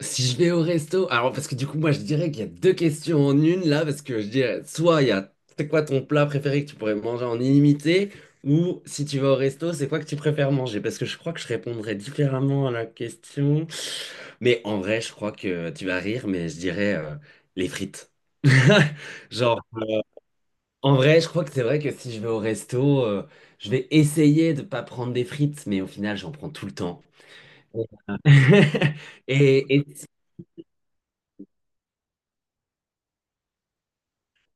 Si je vais au resto, alors parce que du coup, moi je dirais qu'il y a deux questions en une là, parce que je dirais soit il y a c'est quoi ton plat préféré que tu pourrais manger en illimité, ou si tu vas au resto, c'est quoi que tu préfères manger? Parce que je crois que je répondrais différemment à la question. Mais en vrai, je crois que tu vas rire, mais je dirais les frites. Genre, euh, En vrai, je crois que c'est vrai que si je vais au resto, je vais essayer de pas prendre des frites, mais au final, j'en prends tout le temps. Et,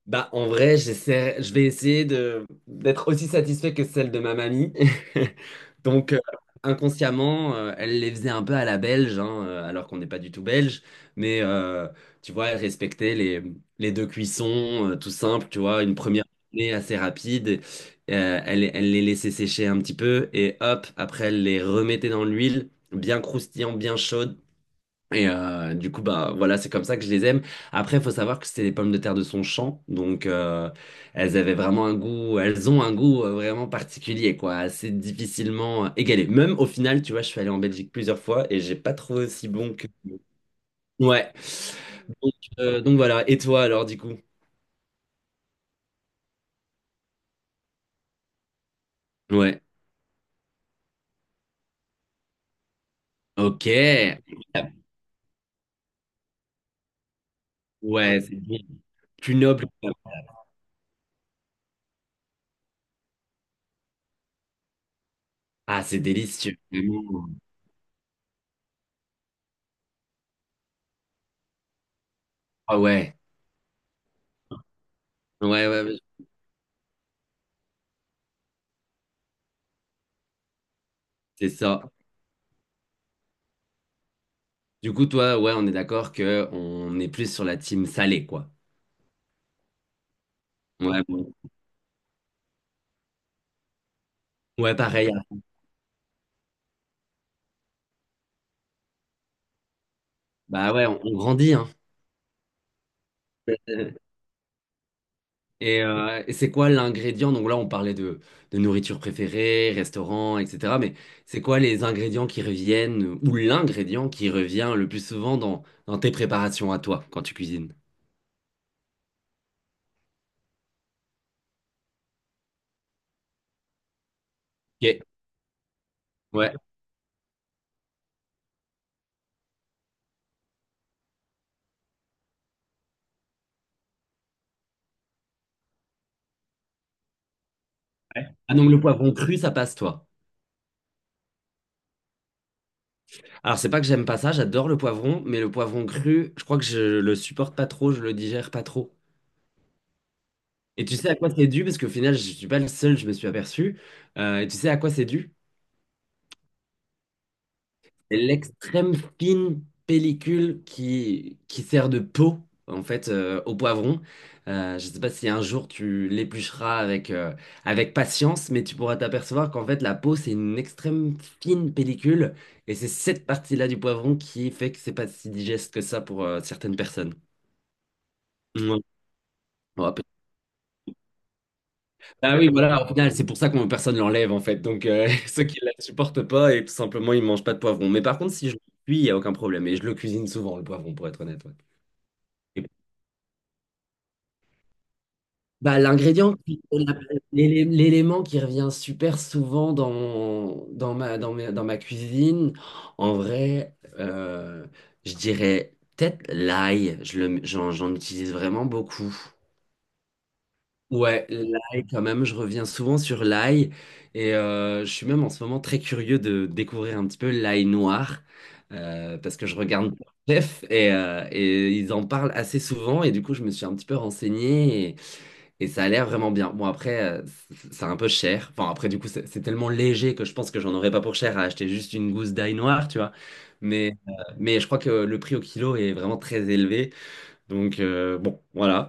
bah, en vrai, je vais essayer de d'être aussi satisfait que celle de ma mamie. Donc, inconsciemment, elle les faisait un peu à la belge, hein, alors qu'on n'est pas du tout belge. Mais euh, Tu vois, elle respectait les deux cuissons, tout simple, tu vois, une première cuisson assez rapide. Elle les laissait sécher un petit peu et hop, après, elle les remettait dans l'huile, bien croustillant, bien chaude. Et du coup, bah voilà, c'est comme ça que je les aime. Après, il faut savoir que c'était des pommes de terre de son champ, donc elles avaient vraiment un goût, elles ont un goût vraiment particulier, quoi, assez difficilement égalé. Même au final, tu vois, je suis allé en Belgique plusieurs fois et j'ai pas trouvé aussi bon que. Ouais. Donc, donc voilà. Et toi, alors, du coup? Ouais. Ok. Ouais, c'est bon. Plus noble. Ah, c'est délicieux. Vraiment. Ah ouais. Ouais, ouais, ouais, c'est ça. Du coup, toi, ouais, on est d'accord que on est plus sur la team salée, quoi. Ouais, bon. Ouais, pareil, hein. Bah ouais, on grandit, hein. Et c'est quoi l'ingrédient? Donc là, on parlait de nourriture préférée, restaurant, etc. Mais c'est quoi les ingrédients qui reviennent ou l'ingrédient qui revient le plus souvent dans, dans tes préparations à toi quand tu cuisines? Ok. Ouais. Ah donc le poivron cru, ça passe, toi. Alors, c'est pas que j'aime pas ça, j'adore le poivron, mais le poivron cru, je crois que je le supporte pas trop, je le digère pas trop. Et tu sais à quoi c'est dû? Parce qu'au final, je suis pas le seul, je me suis aperçu. Et tu sais à quoi c'est dû? C'est l'extrême fine pellicule qui sert de peau, en fait, au poivron. Je ne sais pas si un jour tu l'éplucheras avec, avec patience, mais tu pourras t'apercevoir qu'en fait, la peau, c'est une extrême fine pellicule. Et c'est cette partie-là du poivron qui fait que c'est pas si digeste que ça pour certaines personnes. Ouais. On va Ah oui, voilà, au final, c'est pour ça que personne ne l'enlève, en fait. Donc, ceux qui ne la supportent pas, et tout simplement, ils ne mangent pas de poivron. Mais par contre, si je le cuis, il n'y a aucun problème. Et je le cuisine souvent, le poivron, pour être honnête. Ouais. Et- Bah, l'élément qui revient super souvent dans, dans ma cuisine, en vrai, euh, je dirais peut-être l'ail, j'en utilise vraiment beaucoup. Ouais, l'ail quand même, je reviens souvent sur l'ail et je suis même en ce moment très curieux de découvrir un petit peu l'ail noir, parce que je regarde Chef et ils en parlent assez souvent et du coup je me suis un petit peu renseigné et ça a l'air vraiment bien. Bon après c'est un peu cher, enfin après du coup c'est tellement léger que je pense que j'en aurais pas pour cher à acheter juste une gousse d'ail noir, tu vois. Mais, euh, mais je crois que le prix au kilo est vraiment très élevé donc bon voilà.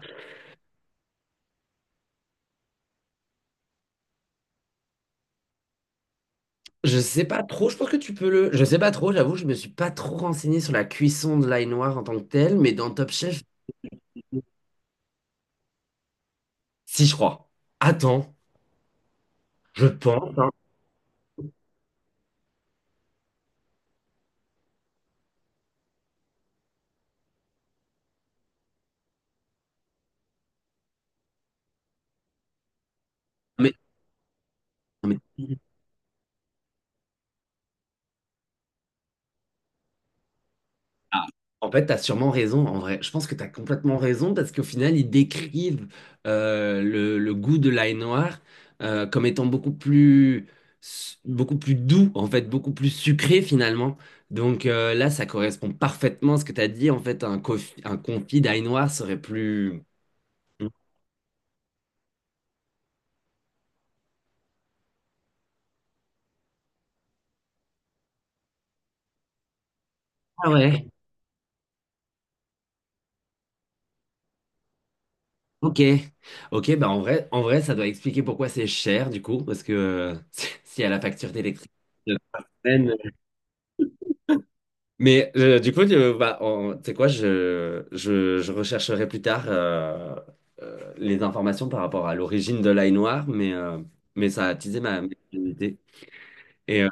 Je sais pas trop, je pense que tu peux le. Je sais pas trop, j'avoue, je me suis pas trop renseigné sur la cuisson de l'ail noir en tant que tel, mais dans Top Chef, si je crois. Attends, je pense, hein. Mais, mais- ah, En fait, t'as sûrement raison, en vrai. Je pense que t'as complètement raison parce qu'au final, ils décrivent le goût de l'ail noir comme étant beaucoup plus doux, en fait, beaucoup plus sucré finalement. Donc là, ça correspond parfaitement à ce que t'as dit. En fait, un confit d'ail noir serait plus. Ah ouais, ok. Ok, bah en vrai, ça doit expliquer pourquoi c'est cher du coup, parce que s'il y a la facture d'électricité de la semaine. Mais du coup, bah, tu sais quoi, je rechercherai plus tard les informations par rapport à l'origine de l'ail noir, mais ça a attisé ma curiosité. Et euh,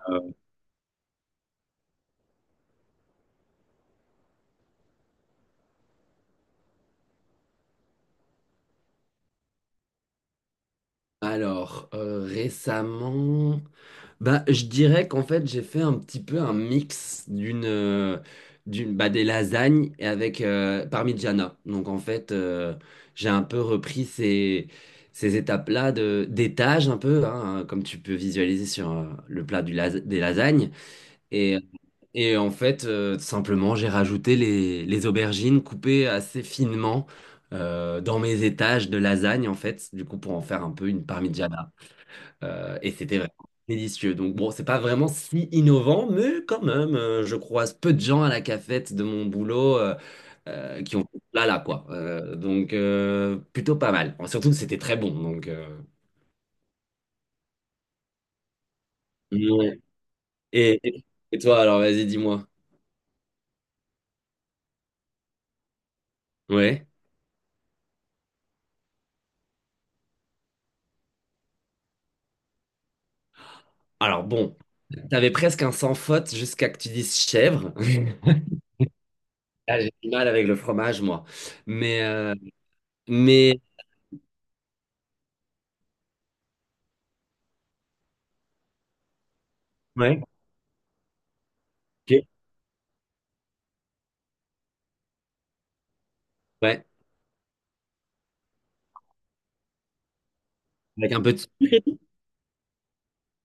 alors, euh, récemment. Bah, je dirais qu'en fait, j'ai fait un petit peu un mix des lasagnes et avec parmigiana. Donc en fait, j'ai un peu repris ces étapes-là de d'étage un peu hein, comme tu peux visualiser sur le plat des lasagnes et et en fait, simplement, j'ai rajouté les aubergines coupées assez finement, dans mes étages de lasagne en fait, du coup pour en faire un peu une parmigiana. Et c'était vraiment délicieux. Donc bon, c'est pas vraiment si innovant, mais quand même, je croise peu de gens à la cafette de mon boulot qui ont là là quoi. Donc plutôt pas mal. Enfin, surtout que c'était très bon. Donc ouais. Et, et- et toi alors, vas-y, dis-moi. Ouais. Alors bon, t'avais presque un sans faute jusqu'à que tu dises chèvre. Là, j'ai du mal avec le fromage, moi. Mais, euh, mais... Ouais. Ok. Ouais. Avec un peu de...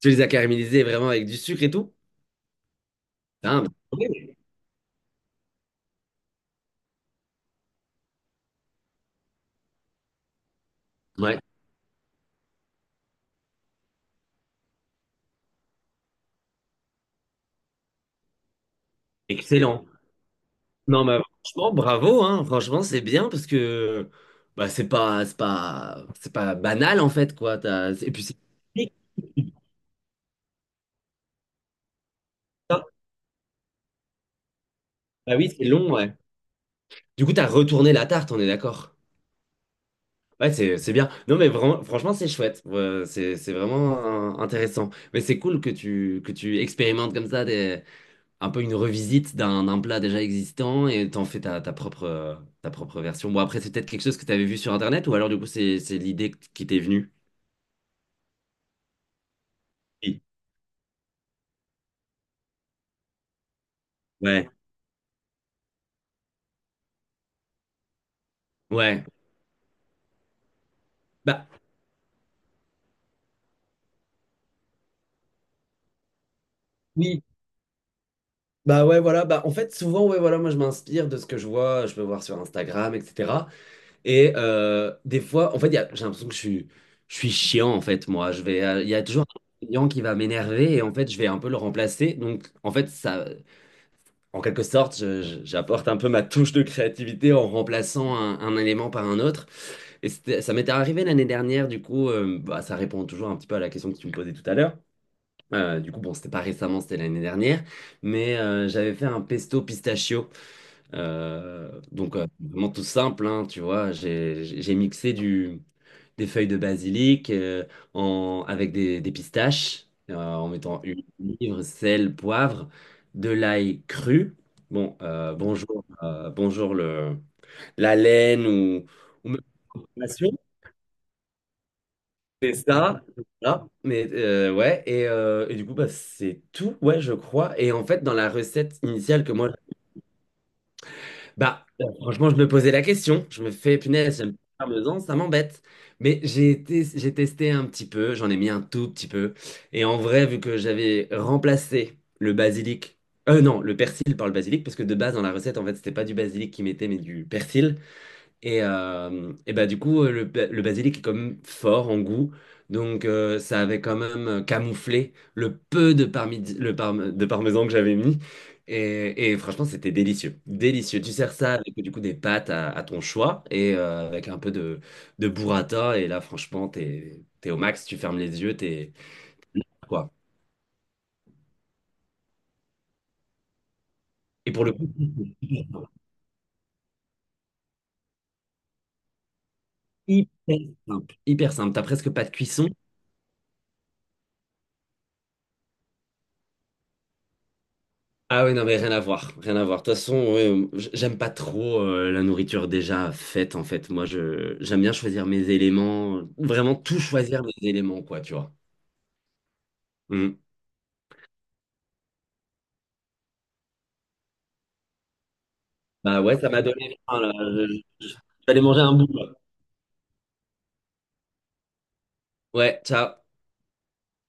Tu les as caramélisés vraiment avec du sucre et tout? Ah, bah, oui. Ouais, excellent. Non, mais franchement, bravo, hein. Franchement, c'est bien parce que bah, c'est pas banal en fait, quoi. Et puis c'est technique, ça. Bah oui, c'est long, ouais. Du coup, t'as retourné la tarte, on est d'accord. Ouais, c'est bien. Non, mais vraiment, franchement, c'est chouette. Ouais, c'est vraiment intéressant. Mais c'est cool que que tu expérimentes comme ça des, un peu une revisite d'un plat déjà existant et t'en fais ta propre version. Bon, après, c'est peut-être quelque chose que t'avais vu sur Internet ou alors, du coup, c'est l'idée qui t'est venue. Oui. Ouais, ouais. Bah, oui. Bah ouais, voilà. Bah, en fait, souvent, ouais, voilà, moi, je m'inspire de ce que je vois, je peux voir sur Instagram, etc. Et des fois, en fait, j'ai l'impression que je suis chiant, en fait, moi. Je vais, il y a toujours un client qui va m'énerver et en fait, je vais un peu le remplacer. Donc, en fait, ça. En quelque sorte, j'apporte un peu ma touche de créativité en remplaçant un élément par un autre. Ça m'était arrivé l'année dernière, du coup, bah, ça répond toujours un petit peu à la question que tu me posais tout à l'heure. Du coup, bon, c'était pas récemment, c'était l'année dernière, mais j'avais fait un pesto pistachio. Donc, vraiment tout simple, hein, tu vois, j'ai mixé des feuilles de basilic, en, avec des pistaches, en mettant huile, livre, sel, poivre, de l'ail cru. Bon, bonjour, bonjour la laine ou même la passion. C'est ça, c'est ça. Mais ouais, et du coup, bah, c'est tout, ouais, je crois. Et en fait, dans la recette initiale que moi bah, franchement, je me posais la question. Je me fais, punaise, j'aime pas faire deux ans, ça m'embête. Mais j'ai été, j'ai testé un petit peu, j'en ai mis un tout petit peu. Et en vrai, vu que j'avais remplacé le basilic, non, le persil par le basilic, parce que de base, dans la recette, en fait, c'était pas du basilic qu'ils mettaient, mais du persil. Et bah, du coup, le basilic est quand même fort en goût. Donc, ça avait quand même camouflé le peu de, parmesan que j'avais mis. Et franchement, c'était délicieux. Délicieux. Tu sers ça avec du coup des pâtes à ton choix et avec un peu de burrata. Et là, franchement, t'es au max, tu fermes les yeux, t'es quoi. Et pour le coup, hyper simple. Hyper simple. T'as presque pas de cuisson. Ah oui, non, mais rien à voir, rien à voir. De toute façon, ouais, j'aime pas trop la nourriture déjà faite, en fait. Moi, je j'aime bien choisir mes éléments, vraiment tout choisir mes éléments, quoi, tu vois. Mm. Bah ouais, ça m'a donné faim, là. Je vais aller manger un bout, là. Ouais, ciao.